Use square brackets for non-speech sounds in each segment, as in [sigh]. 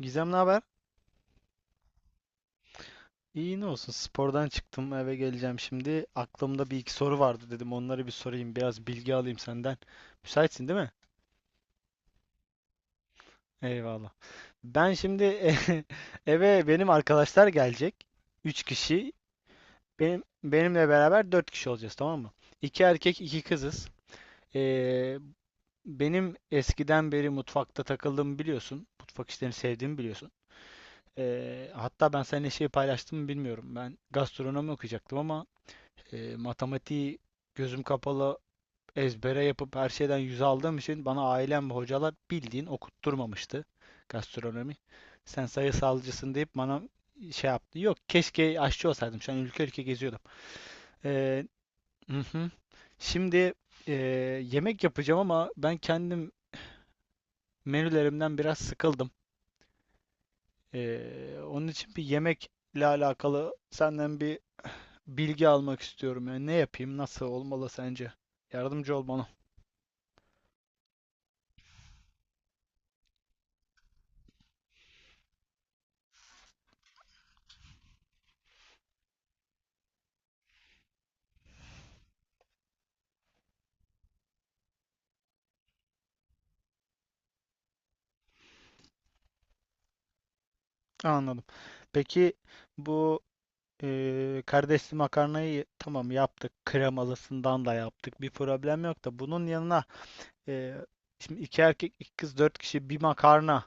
Gizem, ne haber? İyi, ne olsun. Spordan çıktım, eve geleceğim şimdi. Aklımda bir iki soru vardı, dedim onları bir sorayım. Biraz bilgi alayım senden. Müsaitsin değil mi? Eyvallah. Ben şimdi [laughs] eve benim arkadaşlar gelecek. Üç kişi. Benim, benimle beraber dört kişi olacağız, tamam mı? İki erkek iki kızız. Ee, benim eskiden beri mutfakta takıldığımı biliyorsun. Mutfak işlerini sevdiğimi biliyorsun. Hatta ben seninle şey paylaştım mı bilmiyorum. Ben gastronomi okuyacaktım ama matematiği gözüm kapalı ezbere yapıp her şeyden yüz aldığım için bana ailem ve hocalar bildiğin okutturmamıştı gastronomi. Sen sayısalcısın deyip bana şey yaptı. Yok, keşke aşçı olsaydım. Şu an ülke ülke geziyordum. Ee, hı hı. Şimdi e, yemek yapacağım ama ben kendim menülerimden biraz sıkıldım. Onun için bir yemekle alakalı senden bir bilgi almak istiyorum. Yani ne yapayım, nasıl olmalı sence? Yardımcı ol bana. Anladım. Peki, bu kardeşli makarnayı tamam yaptık. Kremalısından da yaptık. Bir problem yok da bunun yanına eee, şimdi iki erkek, iki kız, dört kişi bir makarna.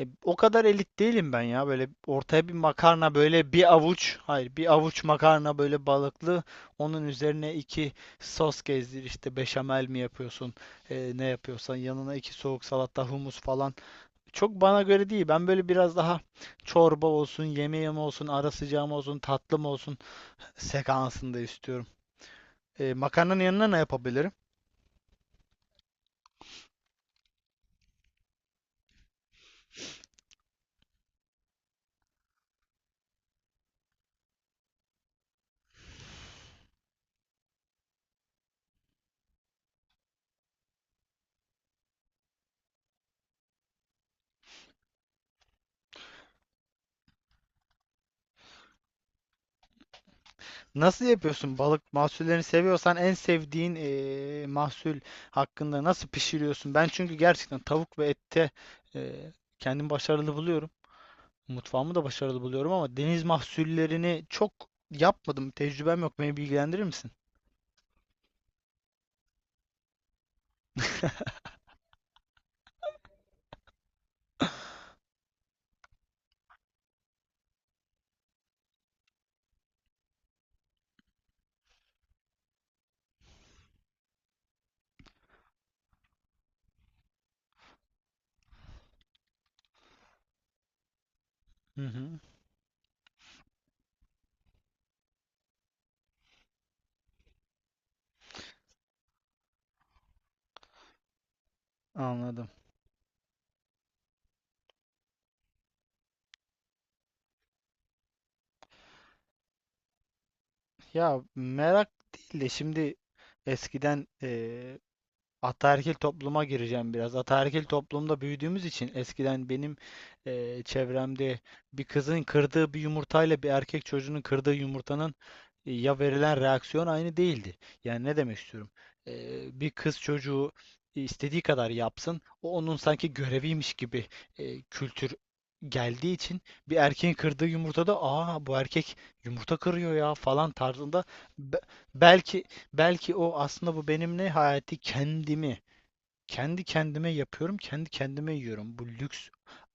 O kadar elit değilim ben ya. Böyle ortaya bir makarna, böyle bir avuç. Hayır, bir avuç makarna böyle balıklı. Onun üzerine iki sos gezdir, işte beşamel mi yapıyorsun? Ne yapıyorsan yanına iki soğuk salata, humus falan. Çok bana göre değil. Ben böyle biraz daha çorba olsun, yemeğim olsun, ara sıcağım olsun, tatlım olsun sekansında istiyorum. Makarnanın yanına ne yapabilirim? Nasıl yapıyorsun? Balık mahsullerini seviyorsan en sevdiğin mahsul hakkında nasıl pişiriyorsun? Ben çünkü gerçekten tavuk ve ette e, kendimi başarılı buluyorum. Mutfağımı da başarılı buluyorum ama deniz mahsullerini çok yapmadım. Tecrübem yok. Beni bilgilendirir misin? Hı hı. Anladım. Ya, merak değil de şimdi eskiden ataerkil topluma gireceğim biraz. Ataerkil toplumda büyüdüğümüz için eskiden benim çevremde bir kızın kırdığı bir yumurtayla bir erkek çocuğunun kırdığı yumurtanın ya verilen reaksiyon aynı değildi. Yani ne demek istiyorum? Bir kız çocuğu istediği kadar yapsın, o onun sanki göreviymiş gibi kültür geldiği için bir erkeğin kırdığı yumurtada, "Aa, bu erkek yumurta kırıyor ya" falan tarzında be- belki Belki o aslında bu benim ne hayati, kendimi kendi kendime yapıyorum, kendi kendime yiyorum. Bu lüks,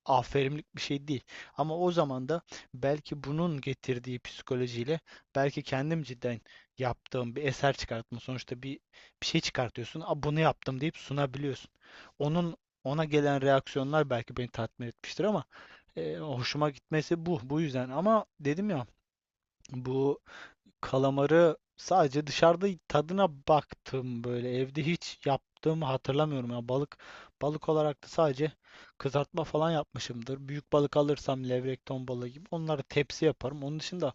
aferinlik bir şey değil. Ama o zaman da belki bunun getirdiği psikolojiyle belki kendim cidden yaptığım bir eser çıkartma. Sonuçta bir şey çıkartıyorsun. "A, bunu yaptım" deyip sunabiliyorsun. Onun, ona gelen reaksiyonlar belki beni tatmin etmiştir ama hoşuma gitmesi bu. Bu yüzden ama dedim ya bu... Kalamarı sadece dışarıda tadına baktım böyle. Evde hiç yaptığımı hatırlamıyorum ya. Balık olarak da sadece kızartma falan yapmışımdır. Büyük balık alırsam levrek, ton balığı gibi onları tepsi yaparım. Onun dışında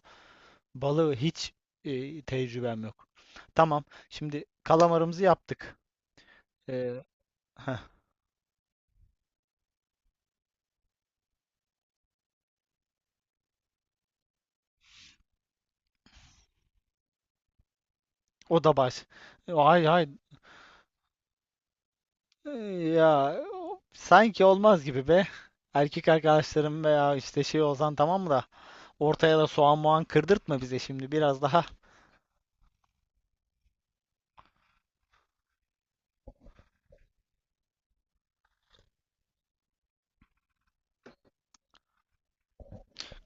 balığı hiç tecrübem yok. Tamam. Şimdi kalamarımızı yaptık. Ee, heh, o da baş. Ay ay. Ee, ya sanki olmaz gibi be. Erkek arkadaşlarım veya işte şey olsan tamam mı da ortaya da soğan muğan kırdırtma bize şimdi. Biraz daha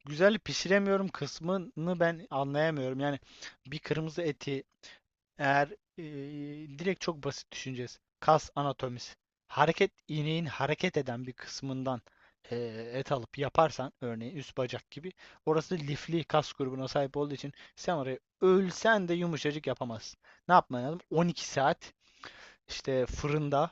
güzel pişiremiyorum kısmını ben anlayamıyorum. Yani bir kırmızı eti eğer e, direkt çok basit düşüneceğiz. Kas anatomisi. Hareket ineğin hareket eden bir kısmından e, et alıp yaparsan, örneğin üst bacak gibi, orası lifli kas grubuna sahip olduğu için sen orayı ölsen de yumuşacık yapamazsın. Ne yapman lazım? 12 saat işte fırında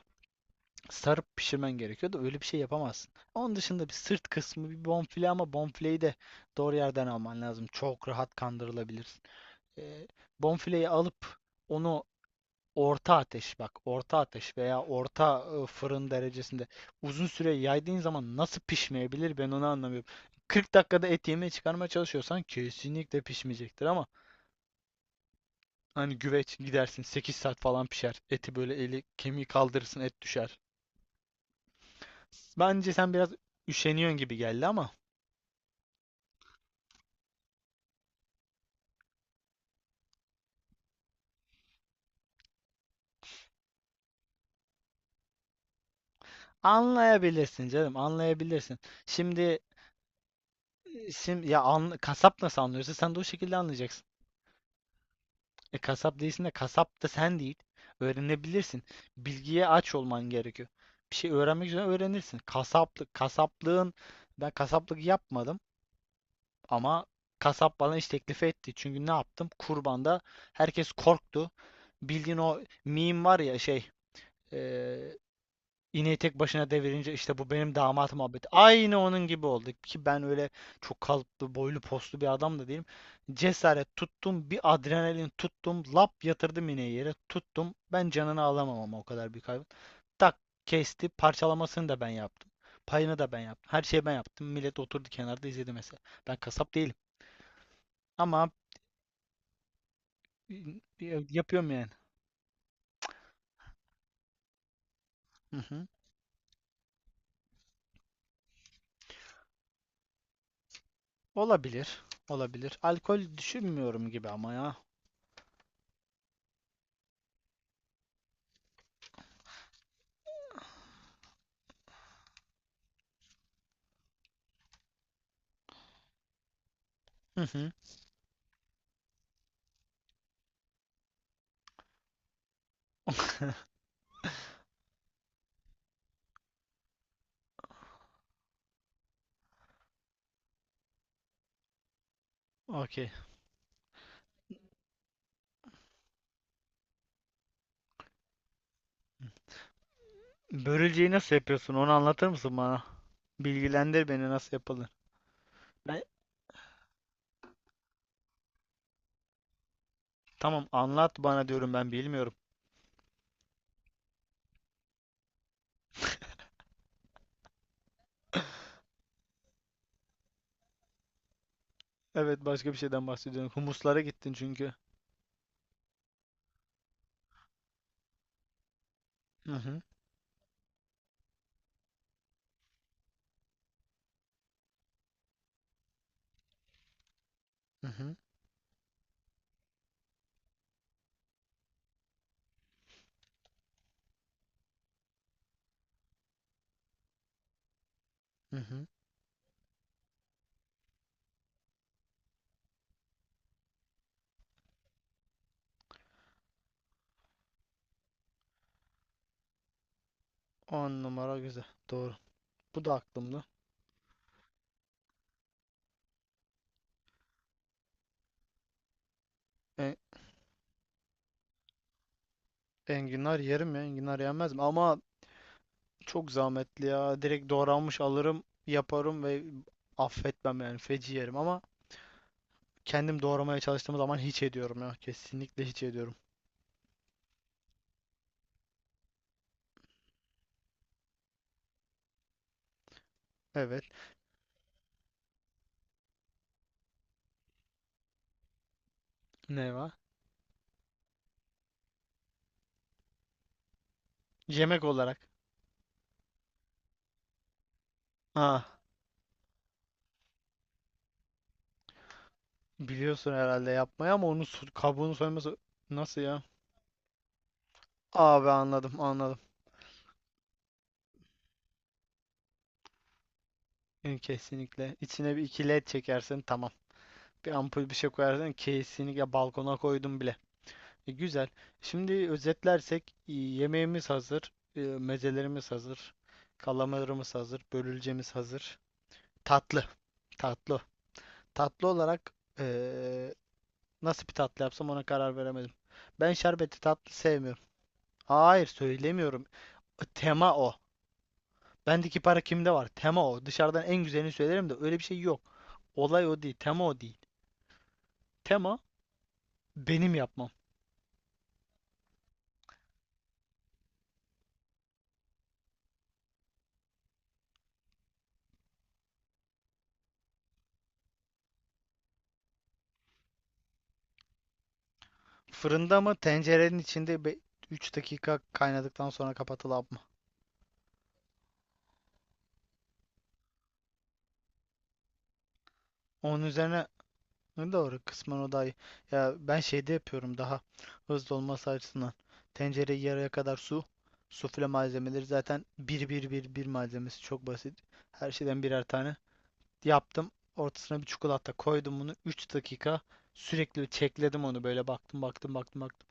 sarıp pişirmen gerekiyor da öyle bir şey yapamazsın. Onun dışında bir sırt kısmı, bir bonfile, ama bonfileyi de doğru yerden alman lazım. Çok rahat kandırılabilirsin. Ee, bonfileyi alıp onu orta ateş, bak, orta ateş veya orta fırın derecesinde uzun süre yaydığın zaman nasıl pişmeyebilir, ben onu anlamıyorum. 40 dakikada et yemeği çıkarmaya çalışıyorsan kesinlikle pişmeyecektir ama hani güveç gidersin, 8 saat falan pişer. Eti böyle eli kemiği kaldırırsın, et düşer. Bence sen biraz üşeniyorsun gibi geldi ama anlayabilirsin canım, anlayabilirsin. Şimdi şimdi ya kasap nasıl anlıyorsa sen de o şekilde anlayacaksın. E, kasap değilsin de kasap da sen değil. Öğrenebilirsin. Bilgiye aç olman gerekiyor. Bir şey öğrenmek üzere öğrenirsin. Kasaplık, kasaplığın, ben kasaplık yapmadım ama kasap bana iş teklifi etti. Çünkü ne yaptım? Kurbanda herkes korktu. Bildiğin o meme var ya şey, e, İneği tek başına devirince işte, bu benim damat muhabbeti. Aynı onun gibi oldu ki ben öyle çok kalıplı, boylu, poslu bir adam da değilim. Cesaret tuttum, bir adrenalin tuttum, lap yatırdım ineği yere, tuttum. Ben canını alamam ama o kadar bir hayvan. Tak kesti, parçalamasını da ben yaptım. Payını da ben yaptım. Her şeyi ben yaptım. Millet oturdu kenarda izledi mesela. Ben kasap değilim ama e, yapıyorum yani. Hı hı. Olabilir, olabilir. Alkol düşünmüyorum gibi ama ya. Hı hı. Okey. Börülceyi nasıl yapıyorsun? Onu anlatır mısın bana? Bilgilendir beni, nasıl yapılır. Ben... Tamam, anlat bana, diyorum ben bilmiyorum. Evet, başka bir şeyden bahsediyorum. Humuslara gittin çünkü. Hı hı, hı hı, hı hı. On numara güzel. Doğru. Bu da aklımda. E- enginar yerim ya. Enginar yenmez mi? Ama çok zahmetli ya. Direkt doğranmış alırım, yaparım ve affetmem yani. Feci yerim ama kendim doğramaya çalıştığım zaman hiç ediyorum ya. Kesinlikle hiç ediyorum. Evet. Ne var? Yemek olarak. Ha. Biliyorsun herhalde yapmayı ama onun su- kabuğunu soyması nasıl ya? Abi, anladım anladım. Yani kesinlikle. İçine bir iki led çekersin, tamam. Bir ampul bir şey koyarsan, kesinlikle, balkona koydum bile. Güzel. Şimdi özetlersek, yemeğimiz hazır, mezelerimiz hazır. Kalamarımız hazır. Börülcemiz hazır. Tatlı. Tatlı. Tatlı olarak e, nasıl bir tatlı yapsam, ona karar veremedim. Ben şerbetli tatlı sevmiyorum. Hayır, söylemiyorum. Tema o. Bendeki para kimde var? Tema o. Dışarıdan en güzelini söylerim de öyle bir şey yok. Olay o değil. Tema o değil. Tema benim yapmam. Fırında mı, tencerenin içinde 3 dakika kaynadıktan sonra kapatılıp mı? Onun üzerine ne doğru, kısmen o da iyi. Ya ben şeyde yapıyorum daha hızlı olması açısından. Tencereyi yarıya kadar su, sufle malzemeleri zaten bir bir bir bir, malzemesi çok basit. Her şeyden birer tane. Yaptım. Ortasına bir çikolata koydum bunu. Üç dakika sürekli çekledim onu, böyle baktım baktım baktım baktım.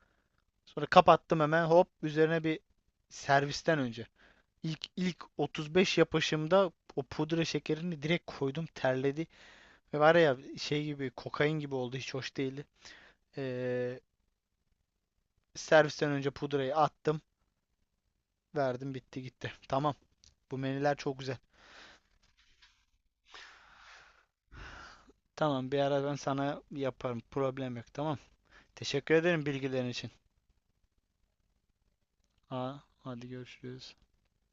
Sonra kapattım hemen, hop üzerine bir, servisten önce. İlk 35 yapışımda o pudra şekerini direkt koydum, terledi. Ve var ya, şey gibi, kokain gibi oldu, hiç hoş değildi. Ee, servisten önce pudrayı attım, verdim, bitti gitti. Tamam, bu menüler çok güzel. Tamam, bir ara ben sana yaparım, problem yok, tamam. Teşekkür ederim bilgilerin için. Ha, hadi görüşürüz.